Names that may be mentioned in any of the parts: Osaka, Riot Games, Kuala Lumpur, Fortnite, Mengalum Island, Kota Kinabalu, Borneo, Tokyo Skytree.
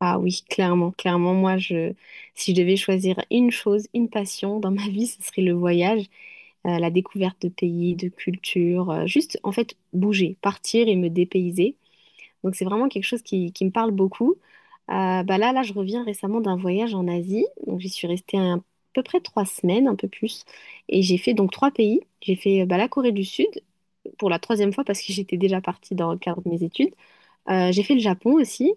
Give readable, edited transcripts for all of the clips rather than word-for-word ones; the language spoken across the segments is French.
Ah oui, clairement, clairement, moi, si je devais choisir une chose, une passion dans ma vie, ce serait le voyage, la découverte de pays, de cultures, juste en fait bouger, partir et me dépayser. Donc c'est vraiment quelque chose qui me parle beaucoup. Là, je reviens récemment d'un voyage en Asie, donc j'y suis restée à peu près trois semaines, un peu plus, et j'ai fait donc trois pays. J'ai fait bah, la Corée du Sud pour la troisième fois parce que j'étais déjà partie dans le cadre de mes études. J'ai fait le Japon aussi.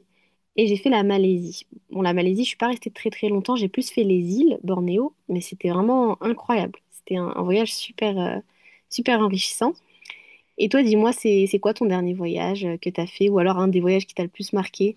Et j'ai fait la Malaisie. Bon, la Malaisie, je suis pas restée très très longtemps, j'ai plus fait les îles, Bornéo, mais c'était vraiment incroyable. C'était un voyage super, super enrichissant. Et toi, dis-moi, c'est quoi ton dernier voyage que t'as fait, ou alors un des voyages qui t'a le plus marqué?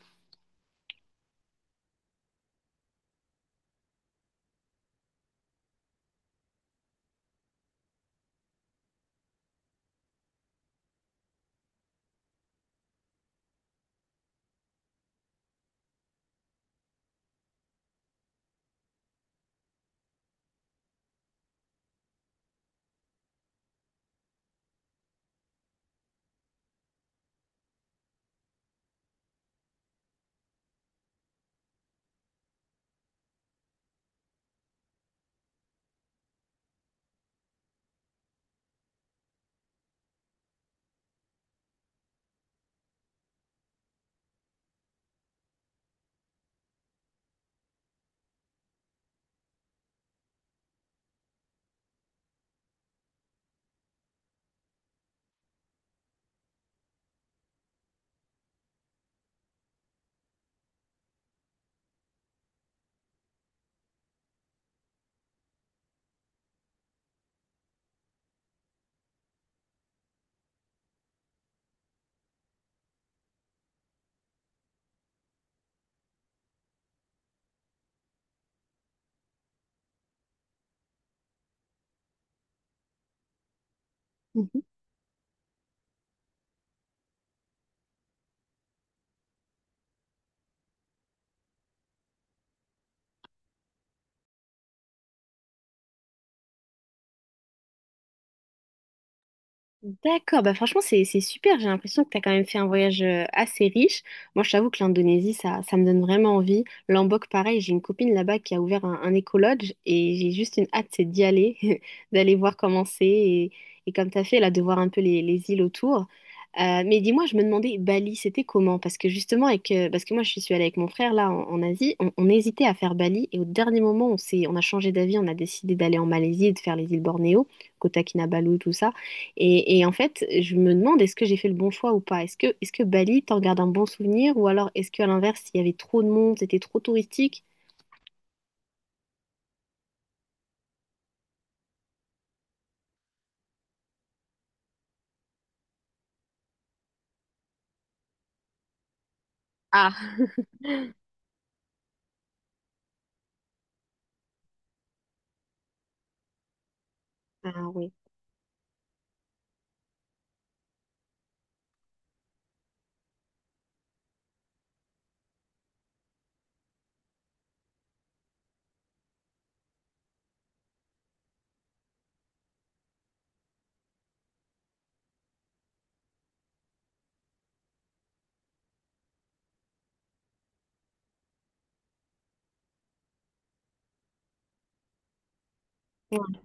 D'accord, bah franchement c'est super, j'ai l'impression que tu as quand même fait un voyage assez riche. Moi je t'avoue que l'Indonésie ça me donne vraiment envie. Lombok pareil, j'ai une copine là-bas qui a ouvert un écolodge et j'ai juste une hâte c'est d'y aller, d'aller voir comment c'est, et comme tu as fait là de voir un peu les îles autour. Mais dis-moi, je me demandais Bali c'était comment? Parce que justement avec, parce que moi je suis allée avec mon frère là en Asie, on hésitait à faire Bali et au dernier moment on a changé d'avis, on a décidé d'aller en Malaisie et de faire les îles Bornéo, Kota Kinabalu tout ça. Et en fait, je me demande est-ce que j'ai fait le bon choix ou pas? Est-ce que Bali, t'en gardes un bon souvenir? Ou alors est-ce qu'à l'inverse, il y avait trop de monde, c'était trop touristique? Ah. Ah oui. Ouais.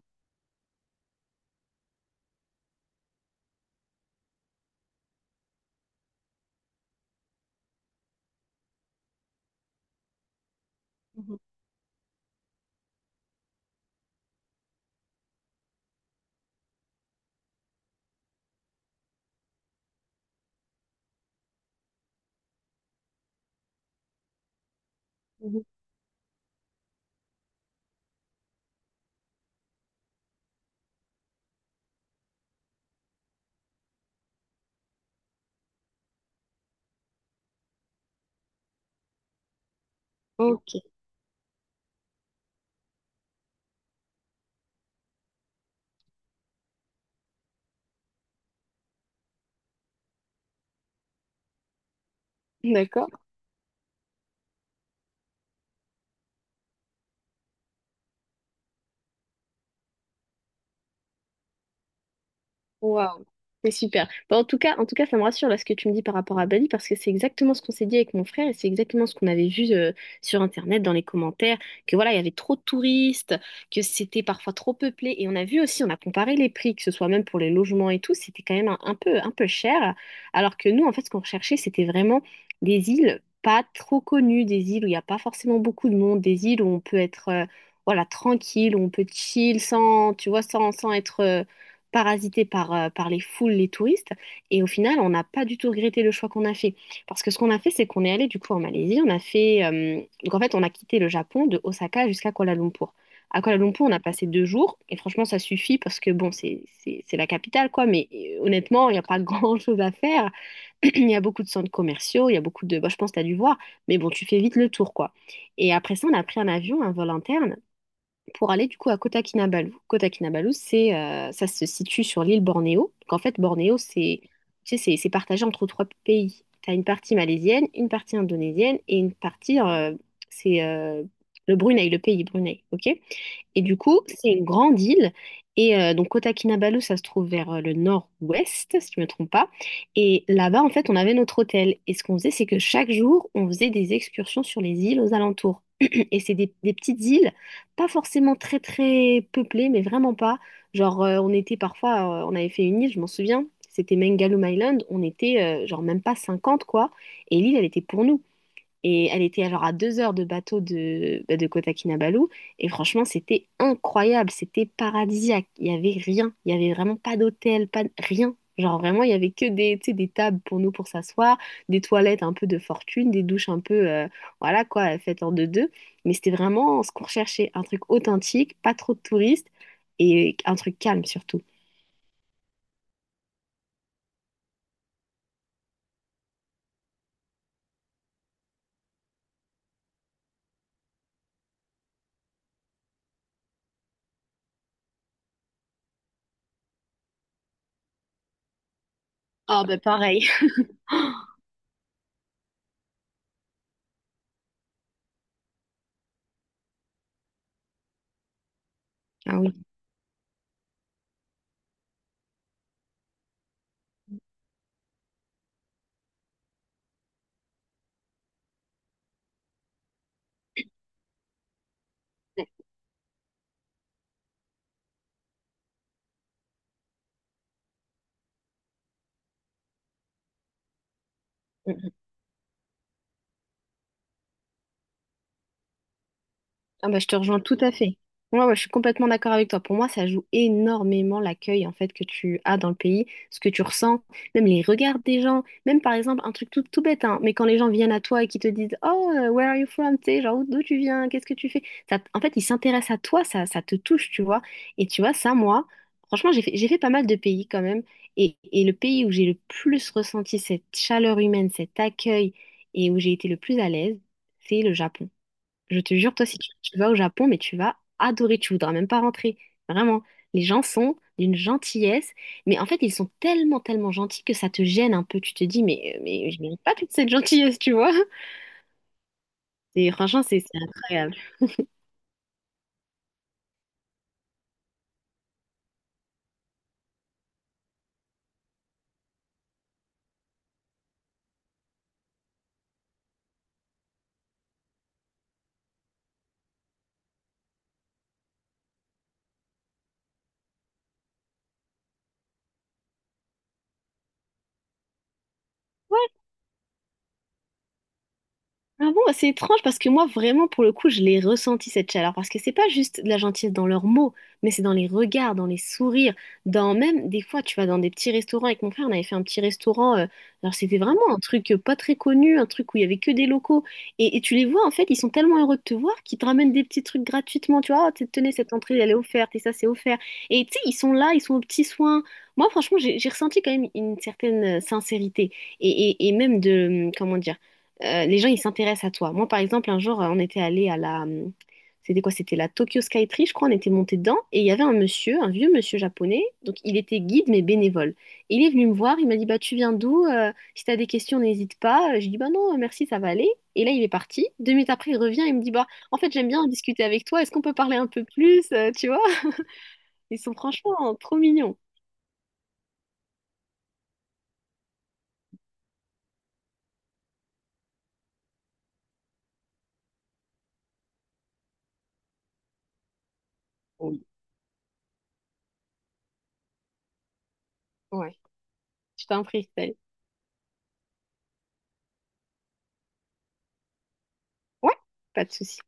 Mhm. Mhm. Ok, d'accord. Wow. C'est super. Bon, en tout cas, ça me rassure là ce que tu me dis par rapport à Bali parce que c'est exactement ce qu'on s'est dit avec mon frère et c'est exactement ce qu'on avait vu sur Internet dans les commentaires que voilà, il y avait trop de touristes, que c'était parfois trop peuplé et on a vu aussi, on a comparé les prix, que ce soit même pour les logements et tout, c'était quand même un peu cher alors que nous en fait ce qu'on recherchait c'était vraiment des îles pas trop connues, des îles où il n'y a pas forcément beaucoup de monde, des îles où on peut être voilà, tranquille, où on peut chill sans, tu vois, sans, sans être parasité par, par les foules, les touristes. Et au final, on n'a pas du tout regretté le choix qu'on a fait. Parce que ce qu'on a fait, c'est qu'on est allé du coup en Malaisie. On a fait. Donc en fait, on a quitté le Japon de Osaka jusqu'à Kuala Lumpur. À Kuala Lumpur, on a passé deux jours. Et franchement, ça suffit parce que bon, c'est la capitale, quoi. Mais honnêtement, il n'y a pas grand-chose à faire. Il y a beaucoup de centres commerciaux. Il y a beaucoup de. Bah, je pense que tu as dû voir. Mais bon, tu fais vite le tour, quoi. Et après ça, on a pris un avion, un vol interne pour aller du coup à Kota Kinabalu. Kota Kinabalu, ça se situe sur l'île Bornéo. Donc en fait, Bornéo, tu sais, c'est partagé entre trois pays. Tu as une partie malaisienne, une partie indonésienne et une partie, c'est le Brunei, le pays Brunei, ok? Et du coup, c'est une grande île. Et donc, Kota Kinabalu, ça se trouve vers le nord-ouest, si je ne me trompe pas. Et là-bas, en fait, on avait notre hôtel. Et ce qu'on faisait, c'est que chaque jour, on faisait des excursions sur les îles aux alentours. Et c'est des petites îles, pas forcément très, très peuplées, mais vraiment pas. Genre, on était parfois, on avait fait une île, je m'en souviens, c'était Mengalum Island. On était, genre, même pas 50, quoi. Et l'île, elle était pour nous. Et elle était alors à deux heures de bateau de, bah, de Kota Kinabalu. Et franchement, c'était incroyable. C'était paradisiaque. Il n'y avait rien. Il n'y avait vraiment pas d'hôtel, pas de- rien. Genre vraiment, il y avait que des, tu sais, des tables pour nous pour s'asseoir, des toilettes un peu de fortune, des douches un peu, voilà quoi, faites en deux-deux. Mais c'était vraiment ce qu'on recherchait. Un truc authentique, pas trop de touristes et un truc calme surtout. Ah, bah pareil. Ah oui. Mm. Ah bah, je te rejoins tout à fait. Moi, ouais, je suis complètement d'accord avec toi. Pour moi, ça joue énormément l'accueil en fait que tu as dans le pays, ce que tu ressens, même les regards des gens, même par exemple un truc tout, tout bête, hein, mais quand les gens viennent à toi et qui te disent Oh, where are you from? Tu sais, genre d'où tu viens, qu'est-ce que tu fais? Ça, en fait, ils s'intéressent à toi, ça te touche, tu vois. Et tu vois, ça, moi, franchement, j'ai fait pas mal de pays quand même. Et le pays où j'ai le plus ressenti cette chaleur humaine, cet accueil et où j'ai été le plus à l'aise, c'est le Japon. Je te jure, toi, si tu, tu vas au Japon, mais tu vas adorer, tu voudras même pas rentrer. Vraiment. Les gens sont d'une gentillesse, mais en fait, ils sont tellement, tellement gentils que ça te gêne un peu. Tu te dis, mais je mérite pas toute cette gentillesse, tu vois. Et franchement, c'est incroyable. Ah bon, c'est étrange parce que moi, vraiment, pour le coup, je l'ai ressenti cette chaleur parce que c'est pas juste de la gentillesse dans leurs mots, mais c'est dans les regards, dans les sourires, dans même des fois, tu vas dans des petits restaurants. Avec mon frère, on avait fait un petit restaurant. Alors, c'était vraiment un truc pas très connu, un truc où il y avait que des locaux. Et tu les vois, en fait, ils sont tellement heureux de te voir qu'ils te ramènent des petits trucs gratuitement. Tu vois, Oh, tenez, cette entrée, elle est offerte et ça, c'est offert. Et tu sais, ils sont là, ils sont aux petits soins. Moi, franchement, j'ai ressenti quand même une certaine sincérité et même de, comment dire, les gens, ils s'intéressent à toi. Moi, par exemple, un jour, on était allé à la... C'était quoi? C'était la Tokyo Skytree, je crois. On était monté dedans et il y avait un monsieur, un vieux monsieur japonais. Donc, il était guide, mais bénévole. Et il est venu me voir. Il m'a dit, bah, tu viens d'où? Si t'as des questions, n'hésite pas. J'ai dit, bah non, merci, ça va aller. Et là, il est parti. Deux minutes après, il revient et me dit, bah, en fait, j'aime bien discuter avec toi. Est-ce qu'on peut parler un peu plus? Tu vois? Ils sont franchement trop mignons. Oui. Ouais. Je t'en prie, Estelle. Ouais, pas de souci.